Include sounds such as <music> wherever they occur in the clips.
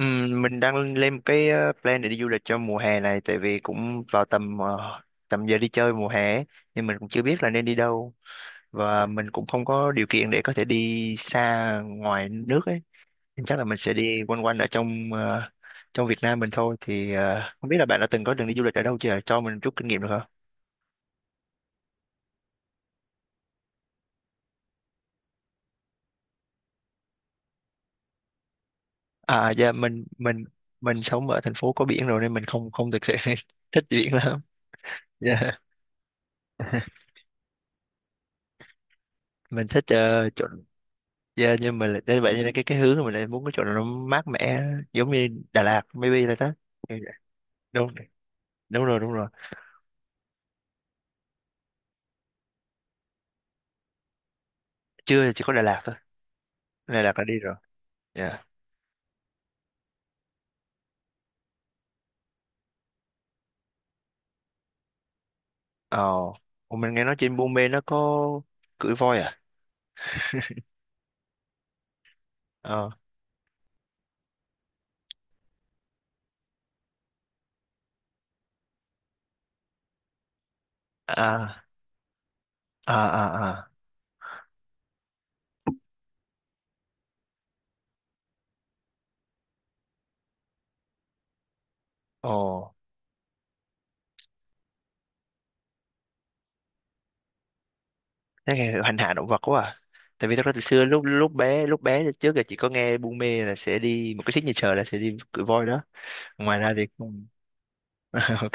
Mình đang lên một cái plan để đi du lịch cho mùa hè này, tại vì cũng vào tầm tầm giờ đi chơi mùa hè ấy, nhưng mình cũng chưa biết là nên đi đâu và mình cũng không có điều kiện để có thể đi xa ngoài nước ấy, nên chắc là mình sẽ đi quanh quanh ở trong Việt Nam mình thôi. Thì không biết là bạn đã từng có đường đi du lịch ở đâu chưa, cho mình chút kinh nghiệm được không? À, dạ, mình sống ở thành phố có biển rồi nên mình không không thực sự <laughs> thích biển lắm. Dạ. Mình thích chỗ, dạ nhưng mà lại nên vậy nên cái hướng mà mình lại muốn cái chỗ nào nó mát mẻ, giống như Đà Lạt maybe là đó. Kiểu đúng, đúng rồi. Chưa, thì chỉ có Đà Lạt thôi. Đà Lạt là đi rồi. Dạ. Ờ. Ủa, mình nghe nói trên Buôn Mê nó có cưỡi voi à? Ờ. À, à, à. Ồ. Thế nghe hành hạ động vật quá à. Tại vì thật ra từ xưa, lúc lúc bé thì trước là chỉ có nghe Buôn Mê là sẽ đi một cái signature là sẽ đi cưỡi voi đó. Ngoài ra thì không. <laughs> Ok.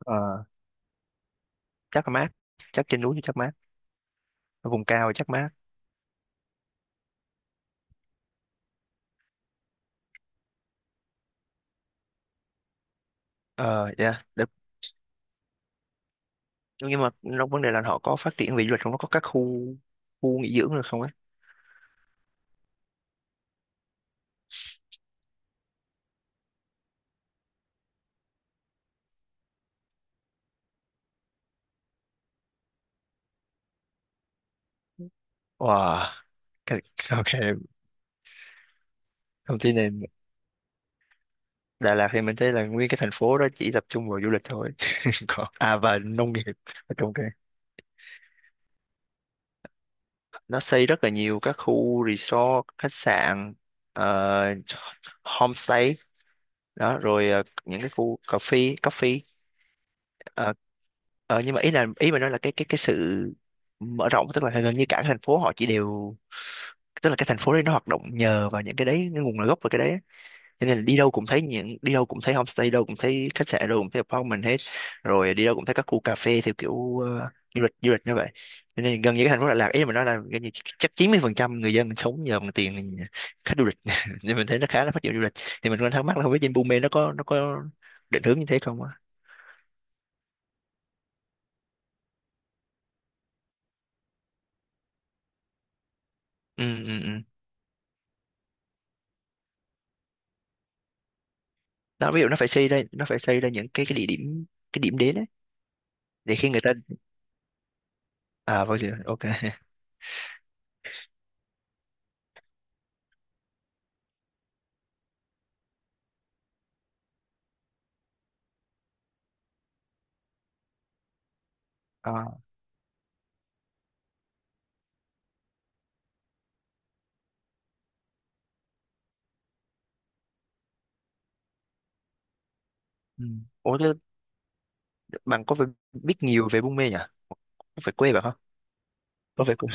Ờ. Chắc là mát. Chắc trên núi thì chắc mát. Ở vùng cao thì chắc mát. Ờ, dạ, được. Nhưng mà trong vấn đề là họ có phát triển về du lịch không? Nó có các khu khu nghỉ dưỡng được không ấy? Wow, cái, ok, thông tin này. Đà Lạt thì mình thấy là nguyên cái thành phố đó chỉ tập trung vào du lịch thôi. <laughs> Còn, à, và nông nghiệp. Ok. Nó xây rất là nhiều các khu resort, khách sạn, ờ, homestay, đó, rồi những cái khu cà phê, cà phê, ờ, nhưng mà ý là ý mà nói là cái sự mở rộng, tức là gần như cả thành phố họ chỉ đều, tức là cái thành phố đấy nó hoạt động nhờ vào những cái đấy, cái nguồn gốc của cái đấy á. Cho nên là đi đâu cũng thấy homestay, đâu cũng thấy khách sạn, đâu cũng thấy apartment hết, rồi đi đâu cũng thấy các khu cà phê theo kiểu du lịch như vậy. Cho nên gần như cái thành phố Đà Lạt ý mà nói là gần như chắc 90% người dân sống nhờ bằng tiền khách du lịch <laughs> nên mình thấy nó khá là phát triển du lịch. Thì mình còn thắc mắc là không biết trên Bume nó có định hướng như thế không á. Ừ, ừ, ừ. Nó ví dụ nó phải xây ra nó phải xây ra những cái địa điểm, cái điểm đến ấy, để khi người ta, à, vào giờ, ok. <laughs> À. Ừ. Ủa thế bạn có phải biết nhiều về Buôn Mê nhỉ, có phải quê bạn không, có phải quê.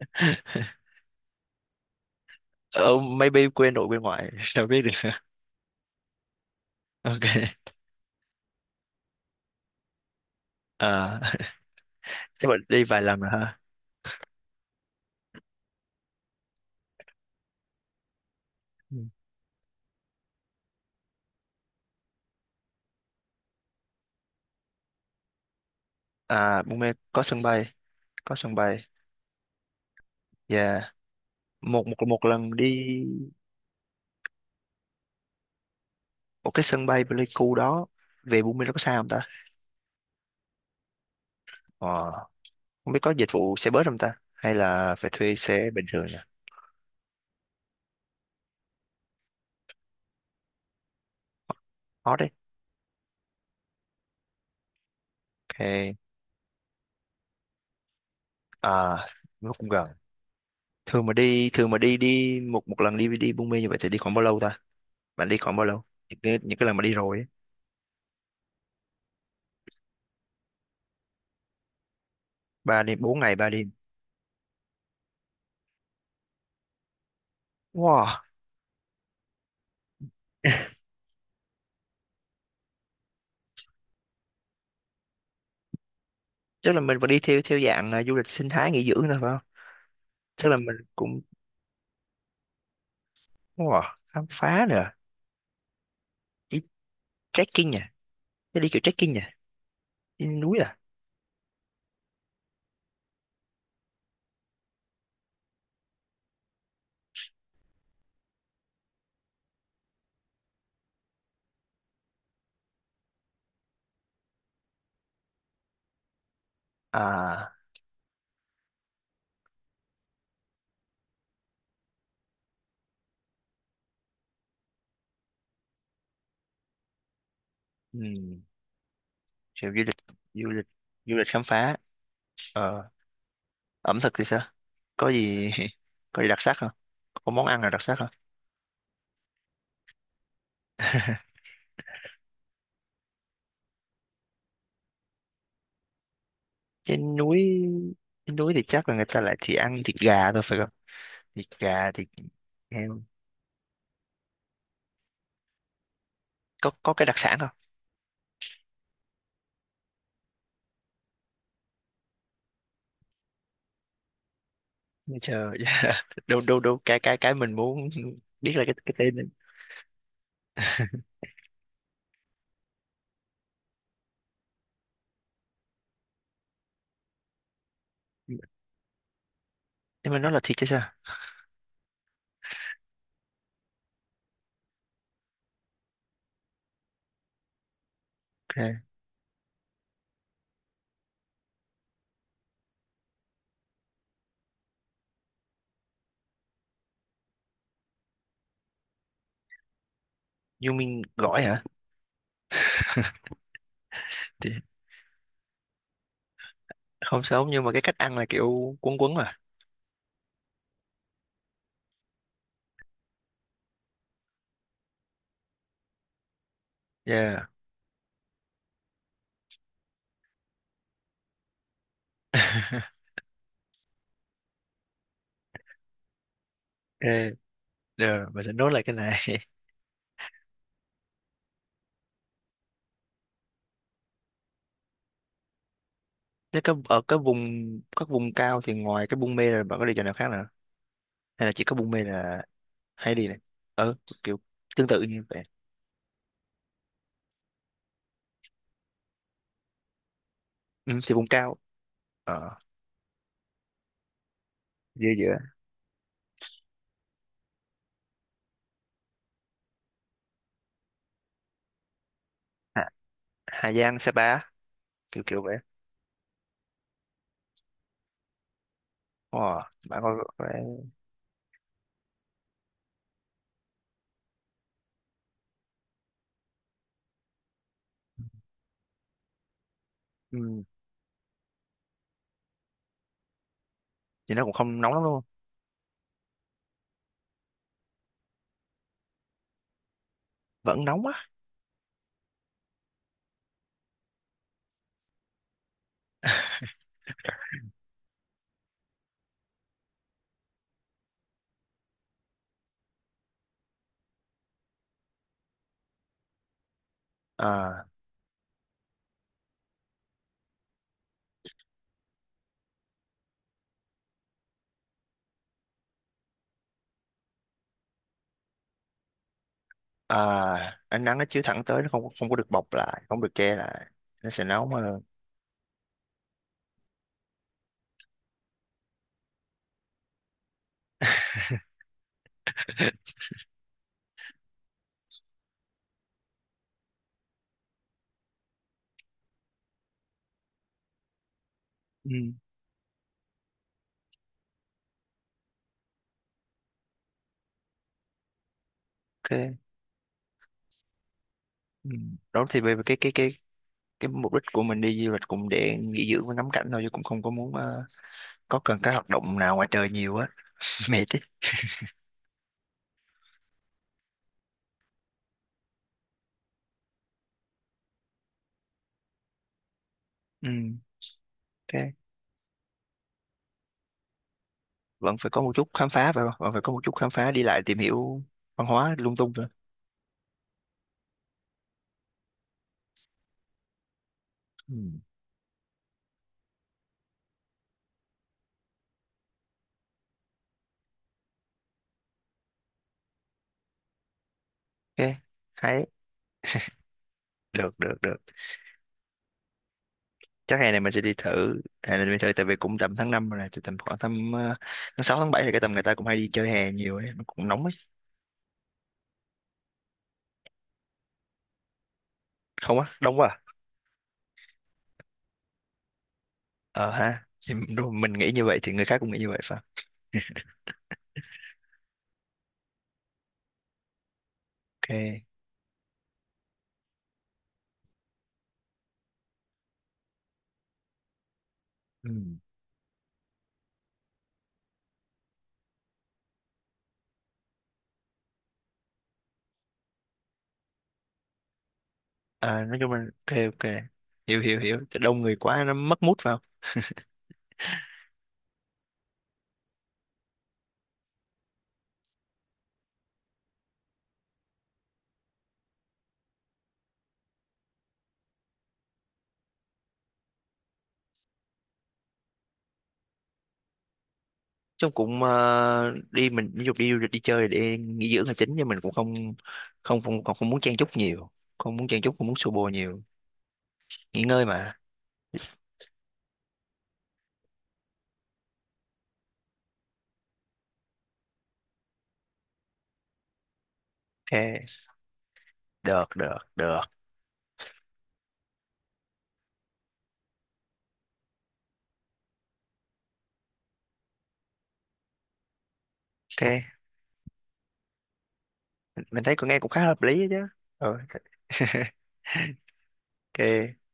<laughs> Ờ, maybe quê nội quê ngoại, <laughs> sao biết được. <laughs> Ok. À, chắc bạn đi vài lần rồi ha. Ừ. À, Buôn Mê có sân bay, có sân bay. Yeah. Một một một lần đi, một cái sân bay Pleiku đó về Buôn Mê nó có xa không ta. Ờ. Không biết có dịch vụ xe bus không ta? Hay là phải thuê xe bình thường nhỉ? Hot đấy. Ok. À, nó cũng gần. Thường mà đi đi một một lần đi đi Buôn Mê như vậy thì đi khoảng bao lâu ta? Bạn đi khoảng bao lâu? Những cái lần mà đi rồi ấy. 3 đêm, 4 ngày 3 đêm. Wow. <laughs> Chắc là mình phải đi theo theo dạng, à, du lịch sinh thái nghỉ dưỡng thôi phải không? Chắc là mình cũng, wow, khám phá nè, đi trekking nè, đi, đi kiểu trekking nè, đi núi à. À, um, kiểu du lịch, du lịch du lịch khám phá. Ờ. Ẩm thực thì sao, có gì <laughs> có gì đặc sắc không, có món ăn nào đặc sắc không, trên núi, trên núi thì chắc là người ta lại chỉ ăn thịt gà thôi phải không, thịt gà thịt heo, có cái đặc sản không. Bây giờ <laughs> đâu đâu đâu, cái mình muốn biết là cái tên đấy. <laughs> Nhưng mà nó là thịt chứ sao, ok, you mean gỏi hả. <laughs> Thì không sống nhưng mà cái cách ăn là kiểu cuốn quấn mà. Yeah. <laughs> Ok, rồi mình sẽ nốt lại cái này. Thế các ở các vùng, các vùng cao thì ngoài cái Buôn Mê là bạn có đi chỗ nào khác nữa, hay là chỉ có Buôn Mê là hay đi này, ờ kiểu tương tự như vậy. Ừ, thì vùng cao, ở giữa giữa. Hà, Hà Giang, Sapa, kiểu kiểu vậy. Wow, bạn có phải. Ừ. Thì nó cũng không nóng lắm luôn. Vẫn nóng á. <laughs> À, à, ánh nắng nó chiếu thẳng tới, nó không không có được bọc lại, không được che lại, nó sẽ nóng hơn. <laughs> Ừ, ok. Ừ. Đó thì về về cái mục đích của mình đi du lịch cũng để nghỉ dưỡng và ngắm cảnh thôi chứ cũng không có muốn, có cần cái hoạt động nào ngoài trời nhiều á. <laughs> Mệt ấy. Ừ, ok, vẫn phải có một chút khám phá phải không, vẫn phải có một chút khám phá đi lại tìm hiểu văn hóa lung tung rồi. Ừ. Ok, hay, được, được, được. Chắc hè này mình sẽ đi thử, hè này mình thử, tại vì cũng tầm tháng 5 rồi này thì tầm khoảng tầm tháng 6 tháng 7 thì cái tầm người ta cũng hay đi chơi hè nhiều ấy, nó cũng nóng ấy. Không á, đông quá à? Ờ ha, thì đúng, mình nghĩ như vậy thì người khác cũng nghĩ như vậy phải không. Ok. Ừ. À, nói chung là ok, ok, hiểu, hiểu, hiểu. Tại đông người quá nó mất mút vào. Chung cũng đi, mình ví dụ đi du lịch đi chơi để nghỉ dưỡng là chính, nhưng mình cũng không, không, không không, không muốn chen chúc nhiều, không muốn chen chúc, không muốn xô bồ nhiều. Nghỉ ngơi mà. Ok, được, được, được. Ok, mình thấy con nghe cũng khá hợp lý đó chứ. Ừ. <laughs> Ok.